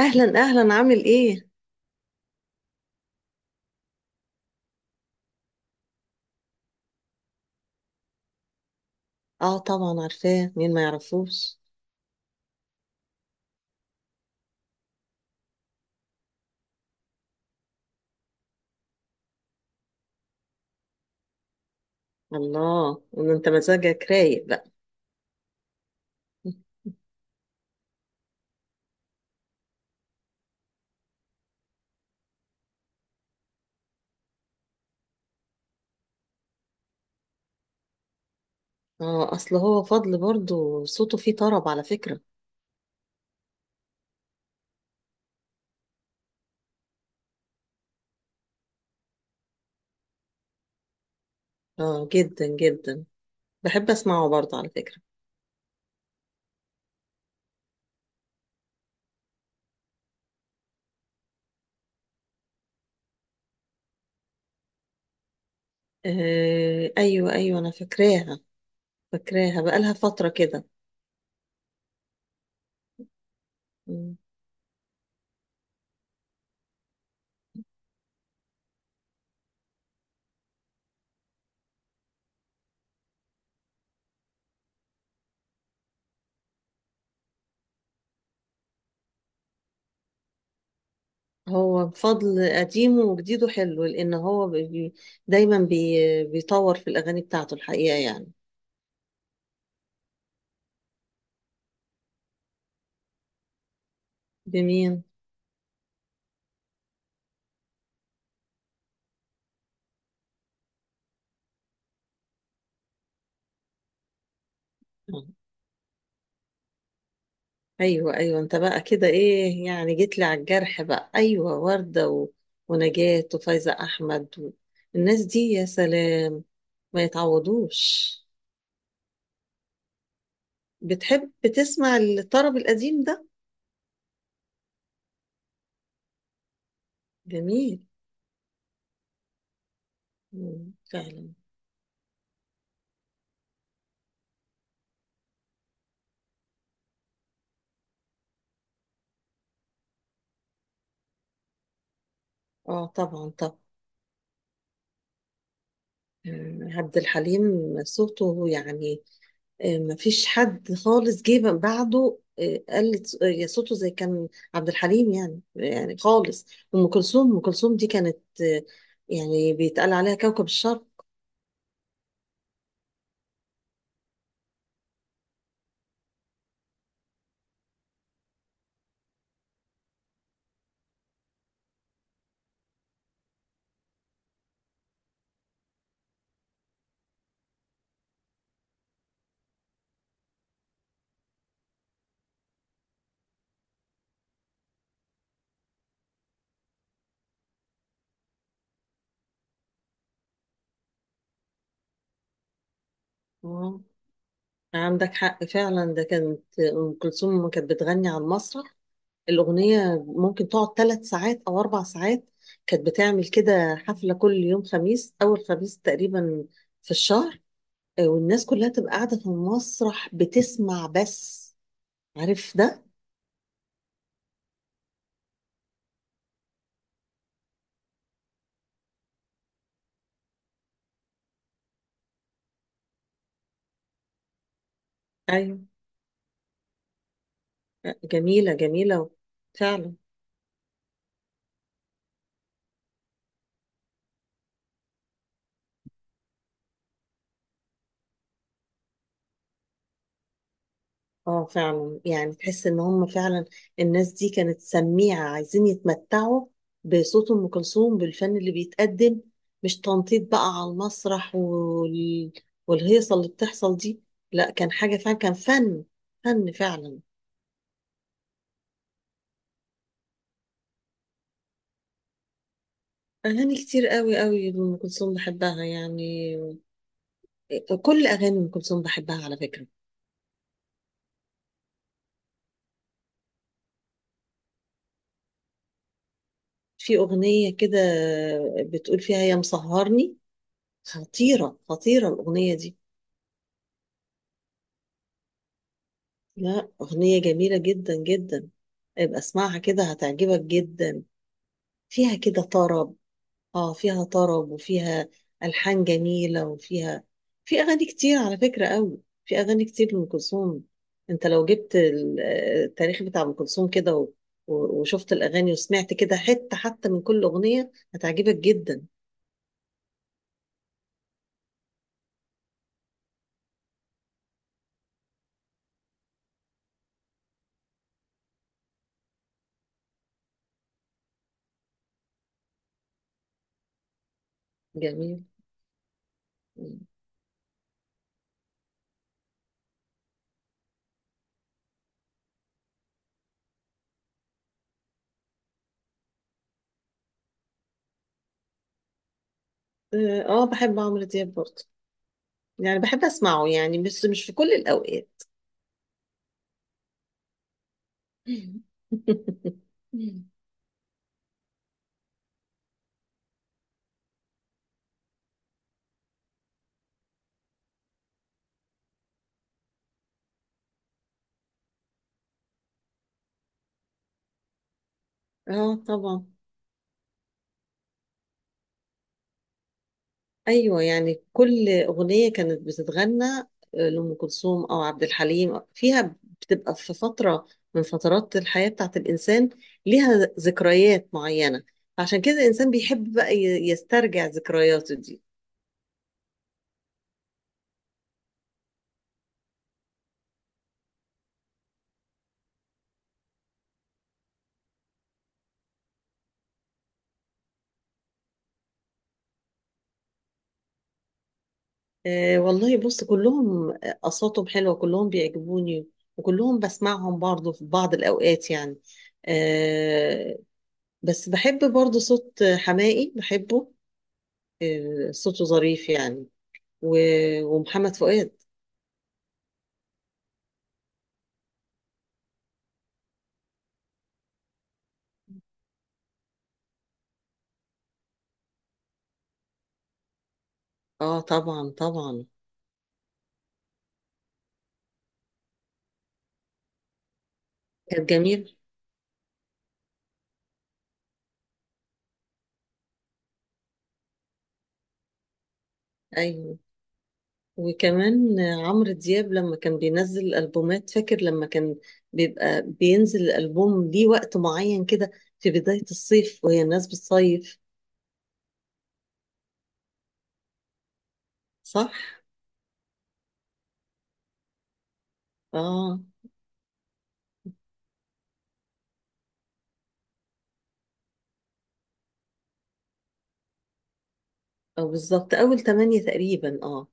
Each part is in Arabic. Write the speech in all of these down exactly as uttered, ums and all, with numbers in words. اهلا اهلا، عامل ايه؟ اه، طبعا عارفاه، مين ما يعرفوش؟ الله، ان انت مزاجك رايق بقى. اه، اصل هو فضل برضو صوته فيه طرب على فكرة. اه، جدا جدا. بحب اسمعه برضو على فكرة. آه، ايوه ايوه، انا فاكراها. فاكراها بقالها فترة كده. مم. هو فضل قديمه وجديده حلو لان هو بي دايما بي بيطور في الاغاني بتاعته الحقيقة يعني. بمين؟ آه. ايوه ايوه، انت بقى كده ايه يعني، جيت لي على الجرح بقى، ايوه ورده و... ونجاة وفايزه احمد و... الناس دي يا سلام. ما يتعوضوش. بتحب تسمع الطرب القديم ده؟ جميل. مم، فعلا. اه، طبعا طبعا. مم، عبد الحليم. صوته يعني. آه، مفيش حد خالص جه بعده، آه، قال ص- آه، صوته زي كان. عبد الحليم يعني يعني خالص. ام كلثوم، ام كلثوم دي كانت، آه، يعني بيتقال عليها كوكب الشرق. آه، عندك حق فعلا، ده كانت ام كلثوم لما كانت بتغني على المسرح، الاغنيه ممكن تقعد ثلاث ساعات او اربع ساعات. كانت بتعمل كده حفله كل يوم خميس، اول خميس تقريبا في الشهر. آه، والناس كلها تبقى قاعده في المسرح بتسمع بس. عارف ده؟ ايوه. جميلة جميلة، فعلا. اه، فعلا يعني تحس ان هم فعلا الناس دي كانت سميعة، عايزين يتمتعوا بصوت ام كلثوم، بالفن اللي بيتقدم، مش تنطيط بقى على المسرح وال... والهيصة اللي بتحصل دي. لا، كان حاجة فعلا، كان فن، فن فعلا. اغاني كتير قوي قوي، ام كلثوم بحبها يعني. كل اغاني ام كلثوم بحبها على فكرة. في اغنية كده بتقول فيها يا مسهرني، خطيرة خطيرة الأغنية دي. لا، أغنية جميلة جدا جدا. ابقى اسمعها كده، هتعجبك جدا. فيها كده طرب. اه، فيها طرب، وفيها ألحان جميلة، وفيها، في أغاني كتير على فكرة قوي. في أغاني كتير لأم كلثوم. انت لو جبت ال- آه، التاريخ بتاع أم كلثوم كده و- و- وشفت الأغاني، وسمعت كده حتة حتى من كل أغنية، هتعجبك جدا. جميل. مم. اه، آه، بحب عمرو دياب برضه، يعني بحب أسمعه يعني، بس مش في كل الأوقات. اه، طبعا. ايوه، يعني كل اغنيه كانت بتتغنى، آه، لام كلثوم او عبد الحليم، فيها بتبقى في فتره من فترات الحياه بتاعت الانسان، ليها ذكريات معينه. عشان كده الانسان بيحب بقى ي- يسترجع ذكرياته دي. آه والله، بص، كلهم اصواتهم حلوه، كلهم بيعجبوني، وكلهم بسمعهم برضه في بعض الاوقات يعني. آه. بس بحب برضه صوت حماقي، بحبه. آه صوته ظريف يعني. و- ومحمد فؤاد. اه، طبعا طبعا. كانت جميلة. ايوه، وكمان عمرو دياب لما كان بينزل البومات، فاكر لما كان بيبقى بينزل الالبوم ليه وقت معين كده، في بداية الصيف وهي الناس بتصيف. صح. اه اه، بالظبط اول تمانية تقريبا، اه.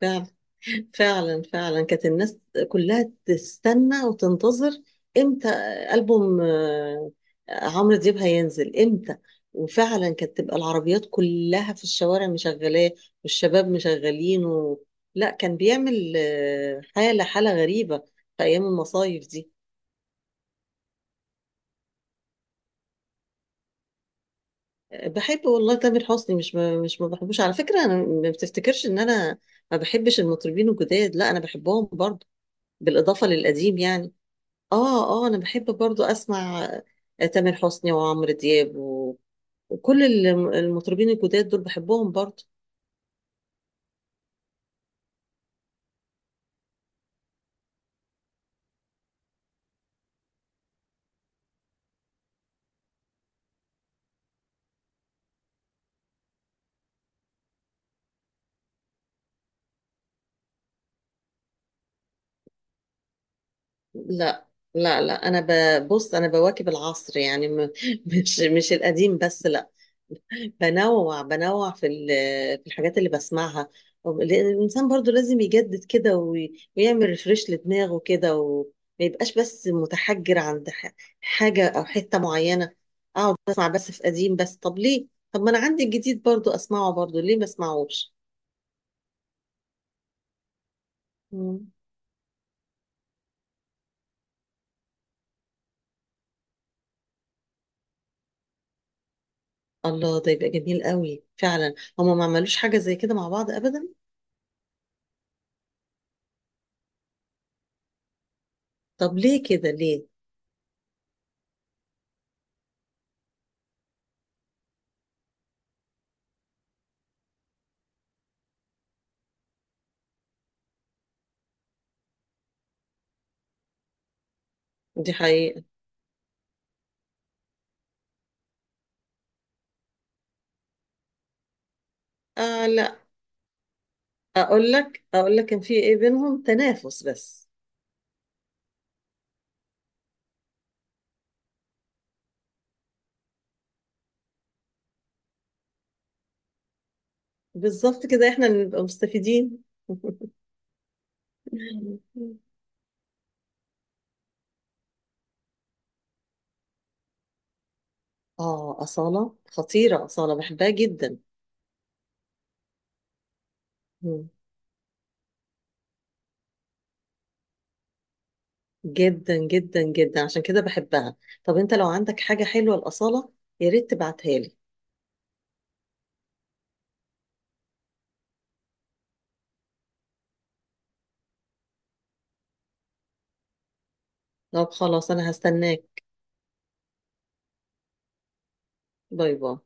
فعلا، فعلا فعلا. كانت الناس كلها تستنى وتنتظر امتى ألبوم آه، عمرو دياب هينزل، امتى. وفعلا كانت تبقى العربيات كلها في الشوارع مشغلاه، والشباب مشغلين و... لا، كان بيعمل آه، حالة، حالة غريبة في أيام المصايف دي. آه، بحب والله تامر حسني، مش ما مش ما بحبوش على فكرة. أنا ما بتفتكرش إن أنا ما بحبش المطربين الجداد، لا أنا بحبهم برضه، بالإضافة للقديم يعني. اه اه، انا بحب برضو اسمع تامر حسني وعمرو دياب و... وكل الم- المطربين الجداد دول بحبهم برضو. لا لا لا، انا ببص، انا بواكب العصر يعني، م... مش مش القديم بس، لا. بنوع بنوع في ال... في الحاجات اللي بسمعها، لان الانسان برضو لازم يجدد كده وي... ويعمل ريفريش لدماغه كده، وما يبقاش بس متحجر عند ح... حاجة او حتة معينة. اه، بسمع بس في قديم بس، طب ليه؟ طب ما انا عندي الجديد برضو اسمعه برضو، ليه ما اسمعوش؟ مم. الله، ده يبقى جميل قوي فعلا. هما ما عملوش حاجة زي كده مع بعض ابدا. طب ليه كده، ليه؟ دي حقيقة. آه لا، اقول لك اقول لك كان في ايه، بينهم تنافس بس. بالظبط، كده احنا اللي نبقى مستفيدين. اه، أصالة خطيرة، أصالة بحبها جدا. مم. جدا جدا جدا، عشان كده بحبها. طب انت لو عندك حاجة حلوة لأصالة، يا ريت تبعتها لي. طب خلاص، انا هستناك. باي باي.